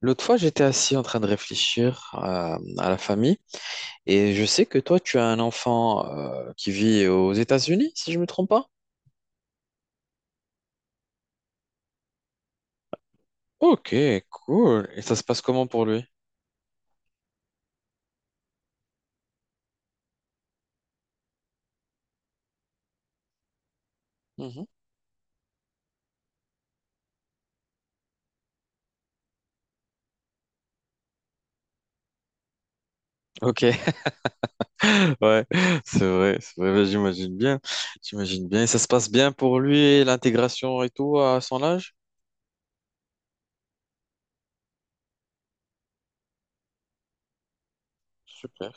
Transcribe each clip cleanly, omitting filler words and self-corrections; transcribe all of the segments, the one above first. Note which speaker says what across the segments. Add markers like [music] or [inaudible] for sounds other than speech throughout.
Speaker 1: L'autre fois, j'étais assis en train de réfléchir à la famille et je sais que toi, tu as un enfant qui vit aux États-Unis, si je me trompe pas. Ok, cool. Et ça se passe comment pour lui? Mhm. Ok, [laughs] ouais, c'est vrai, bah, j'imagine bien, j'imagine bien. Et ça se passe bien pour lui, l'intégration et tout à son âge? Super.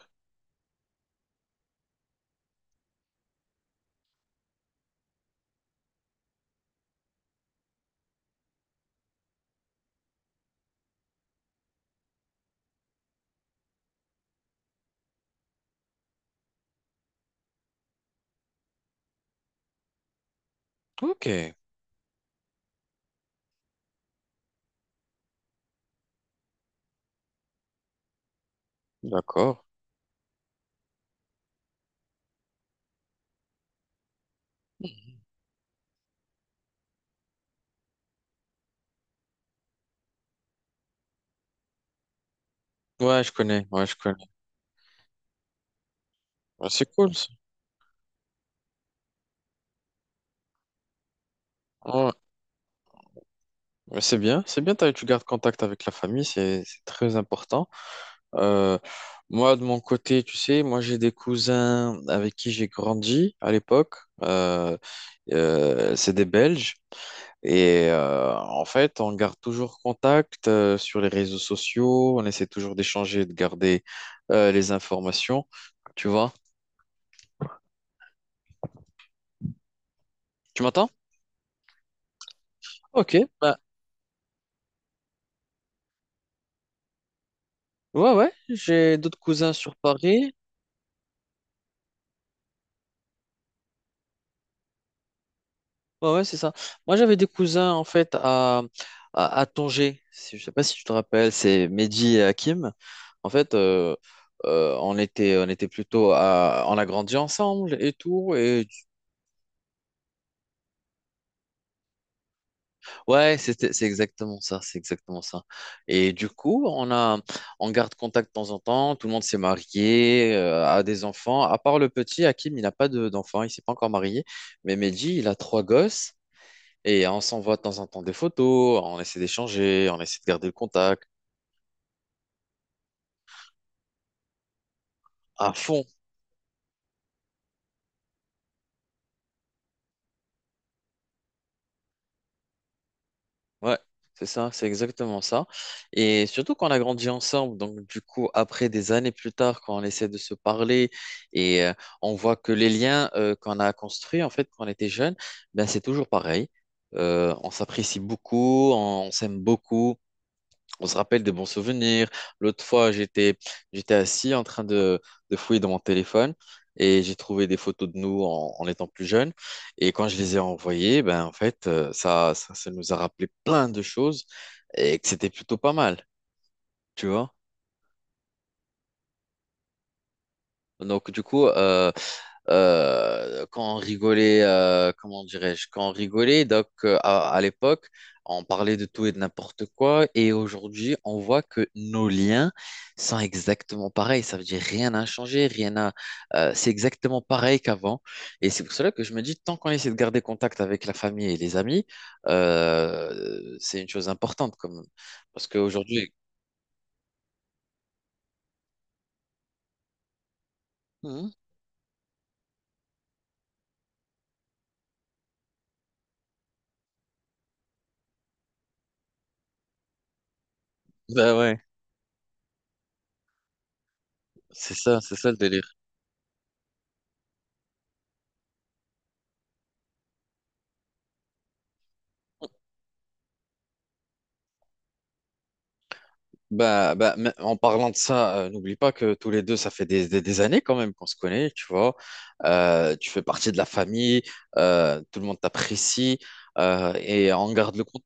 Speaker 1: Ok, d'accord. Ouais, je connais, ouais, je connais. Ouais, c'est cool, ça. Ouais. Ouais, c'est bien, c'est bien, tu gardes contact avec la famille, c'est très important. Euh, Moi, de mon côté, tu sais, moi j'ai des cousins avec qui j'ai grandi à l'époque. Euh, c'est des Belges. Et en fait, on garde toujours contact sur les réseaux sociaux. On essaie toujours d'échanger, de garder les informations. Tu vois? Tu m'entends? Ok. Bah, ouais, ouais. J'ai d'autres cousins sur Paris. Ouais, ouais, c'est ça. Moi, j'avais des cousins, en fait, à Tanger. Je sais pas si tu te rappelles, c'est Mehdi et Hakim. En fait, on était plutôt on a grandi ensemble et tout. Et ouais, c'est exactement ça, c'est exactement ça. Et du coup, on garde contact de temps en temps. Tout le monde s'est marié, a des enfants. À part le petit Hakim, il n'a pas d'enfant, il s'est pas encore marié. Mais Mehdi, il a trois gosses. Et on s'envoie de temps en temps des photos, on essaie d'échanger, on essaie de garder le contact à fond. Ouais, c'est ça, c'est exactement ça. Et surtout qu'on a grandi ensemble, donc du coup, après des années plus tard, quand on essaie de se parler et on voit que les liens qu'on a construits, en fait, quand on était jeune, ben, c'est toujours pareil. On s'apprécie beaucoup, on s'aime beaucoup. On se rappelle des bons souvenirs. L'autre fois, j'étais assis en train de fouiller dans mon téléphone et j'ai trouvé des photos de nous en étant plus jeunes. Et quand je les ai envoyées, ben, en fait, ça nous a rappelé plein de choses et que c'était plutôt pas mal, tu vois. Donc, du coup, quand on rigolait, comment dirais-je, quand on rigolait, donc à l'époque, on parlait de tout et de n'importe quoi, et aujourd'hui, on voit que nos liens sont exactement pareils. Ça veut dire rien n'a changé, rien n'a. C'est exactement pareil qu'avant, et c'est pour cela que je me dis, tant qu'on essaie de garder contact avec la famille et les amis, c'est une chose importante, comme parce qu'aujourd'hui... Mhm. Ben ouais, c'est ça le délire. Bah, mais en parlant de ça, n'oublie pas que tous les deux, ça fait des années quand même qu'on se connaît, tu vois. Tu fais partie de la famille, tout le monde t'apprécie et on garde le compte.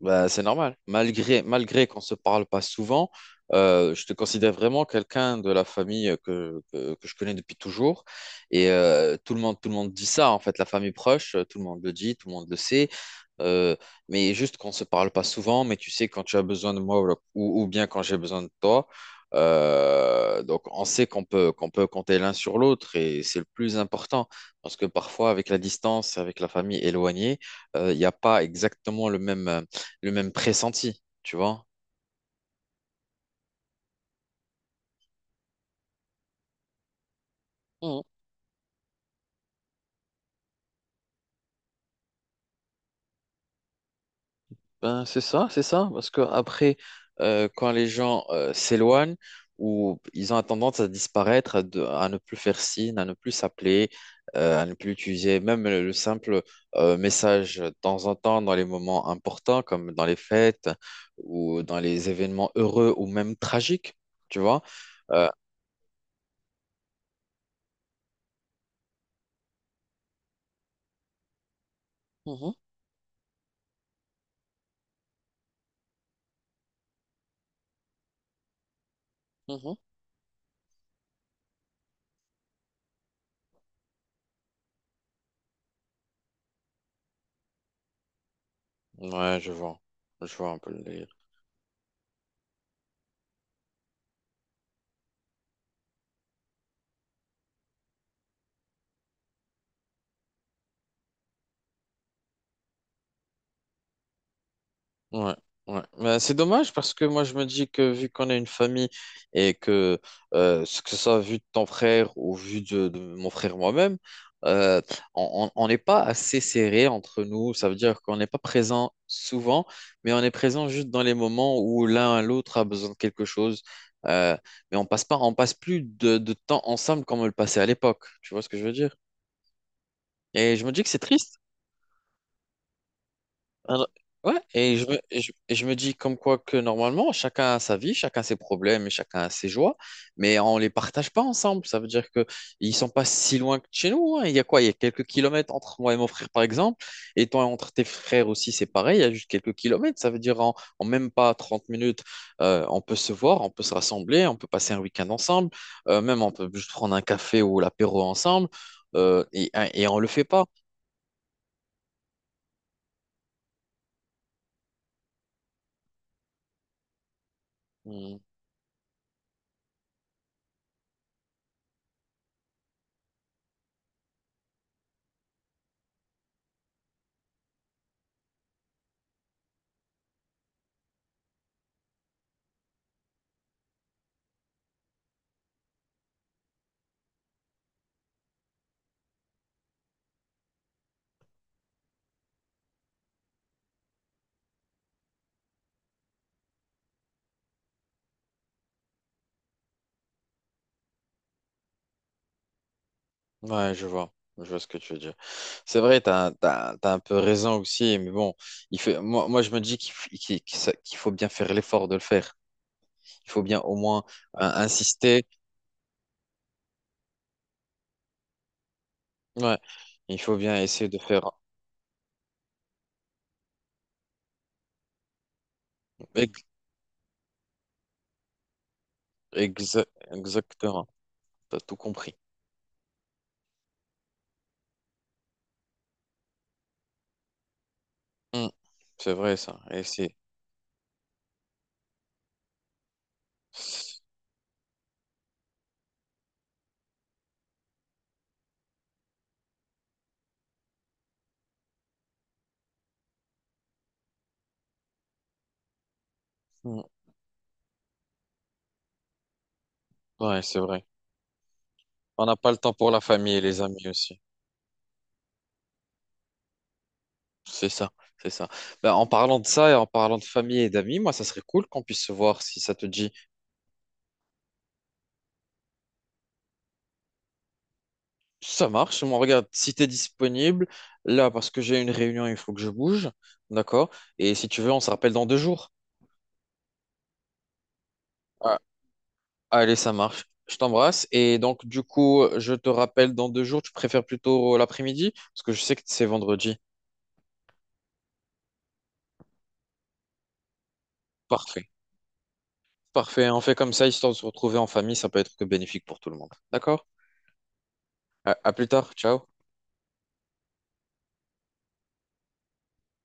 Speaker 1: Bah, c'est normal. Malgré qu'on se parle pas souvent, je te considère vraiment quelqu'un de la famille que je connais depuis toujours. Et tout le monde dit ça, en fait, la famille proche, tout le monde le dit, tout le monde le sait. Euh, mais juste qu'on se parle pas souvent, mais tu sais, quand tu as besoin de moi ou bien quand j'ai besoin de toi, donc on sait qu'on peut compter l'un sur l'autre et c'est le plus important. Parce que parfois, avec la distance, avec la famille éloignée, il n'y a pas exactement le même pressenti, tu vois? Ben, c'est ça, parce que après, quand les gens s'éloignent ou ils ont tendance à disparaître, à ne plus faire signe, à ne plus s'appeler, à ne plus utiliser même le simple message de temps en temps dans les moments importants, comme dans les fêtes ou dans les événements heureux ou même tragiques, tu vois. Euh, Mhm, mhm. Ouais, je vois un peu le délire. Ouais, ouais. Mais c'est dommage parce que moi je me dis que vu qu'on est une famille et que ce que ce soit vu de ton frère ou vu de mon frère moi-même, euh, on n'est pas assez serré entre nous. Ça veut dire qu'on n'est pas présent souvent, mais on est présent juste dans les moments où l'un à l'autre a besoin de quelque chose. Euh, mais on passe pas, on passe plus de temps ensemble comme on le passait à l'époque. Tu vois ce que je veux dire? Et je me dis que c'est triste. Alors, ouais, et je me dis comme quoi que normalement, chacun a sa vie, chacun ses problèmes et chacun a ses joies, mais on les partage pas ensemble. Ça veut dire que ils sont pas si loin que chez nous, hein. Il y a quoi? Il y a quelques kilomètres entre moi et mon frère, par exemple, et toi, entre tes frères aussi, c'est pareil, il y a juste quelques kilomètres. Ça veut dire en même pas 30 minutes, on peut se voir, on peut se rassembler, on peut passer un week-end ensemble, même on peut juste prendre un café ou l'apéro ensemble, et on le fait pas. Hmm. Ouais, je vois. Je vois ce que tu veux dire. C'est vrai, t'as un peu raison aussi, mais bon, moi je me dis qu'il f- qu'il- qu'il sa- qu'il faut bien faire l'effort de le faire. Il faut bien au moins insister. Ouais, il faut bien essayer de faire ex- exa- exactement. T'as tout compris. Mm. C'est vrai, ça. Et c'est... Mm. Ouais, c'est vrai. On n'a pas le temps pour la famille et les amis aussi. C'est ça, c'est ça. Ben, en parlant de ça et en parlant de famille et d'amis, moi, ça serait cool qu'on puisse se voir si ça te dit. Ça marche. On regarde si tu es disponible. Là, parce que j'ai une réunion, il faut que je bouge. D'accord? Et si tu veux, on se rappelle dans 2 jours. Ah, allez, ça marche. Je t'embrasse. Et donc, du coup, je te rappelle dans 2 jours. Tu préfères plutôt l'après-midi? Parce que je sais que c'est vendredi. Parfait. Parfait. On fait comme ça, histoire de se retrouver en famille. Ça peut être que bénéfique pour tout le monde. D'accord? À à plus tard. Ciao.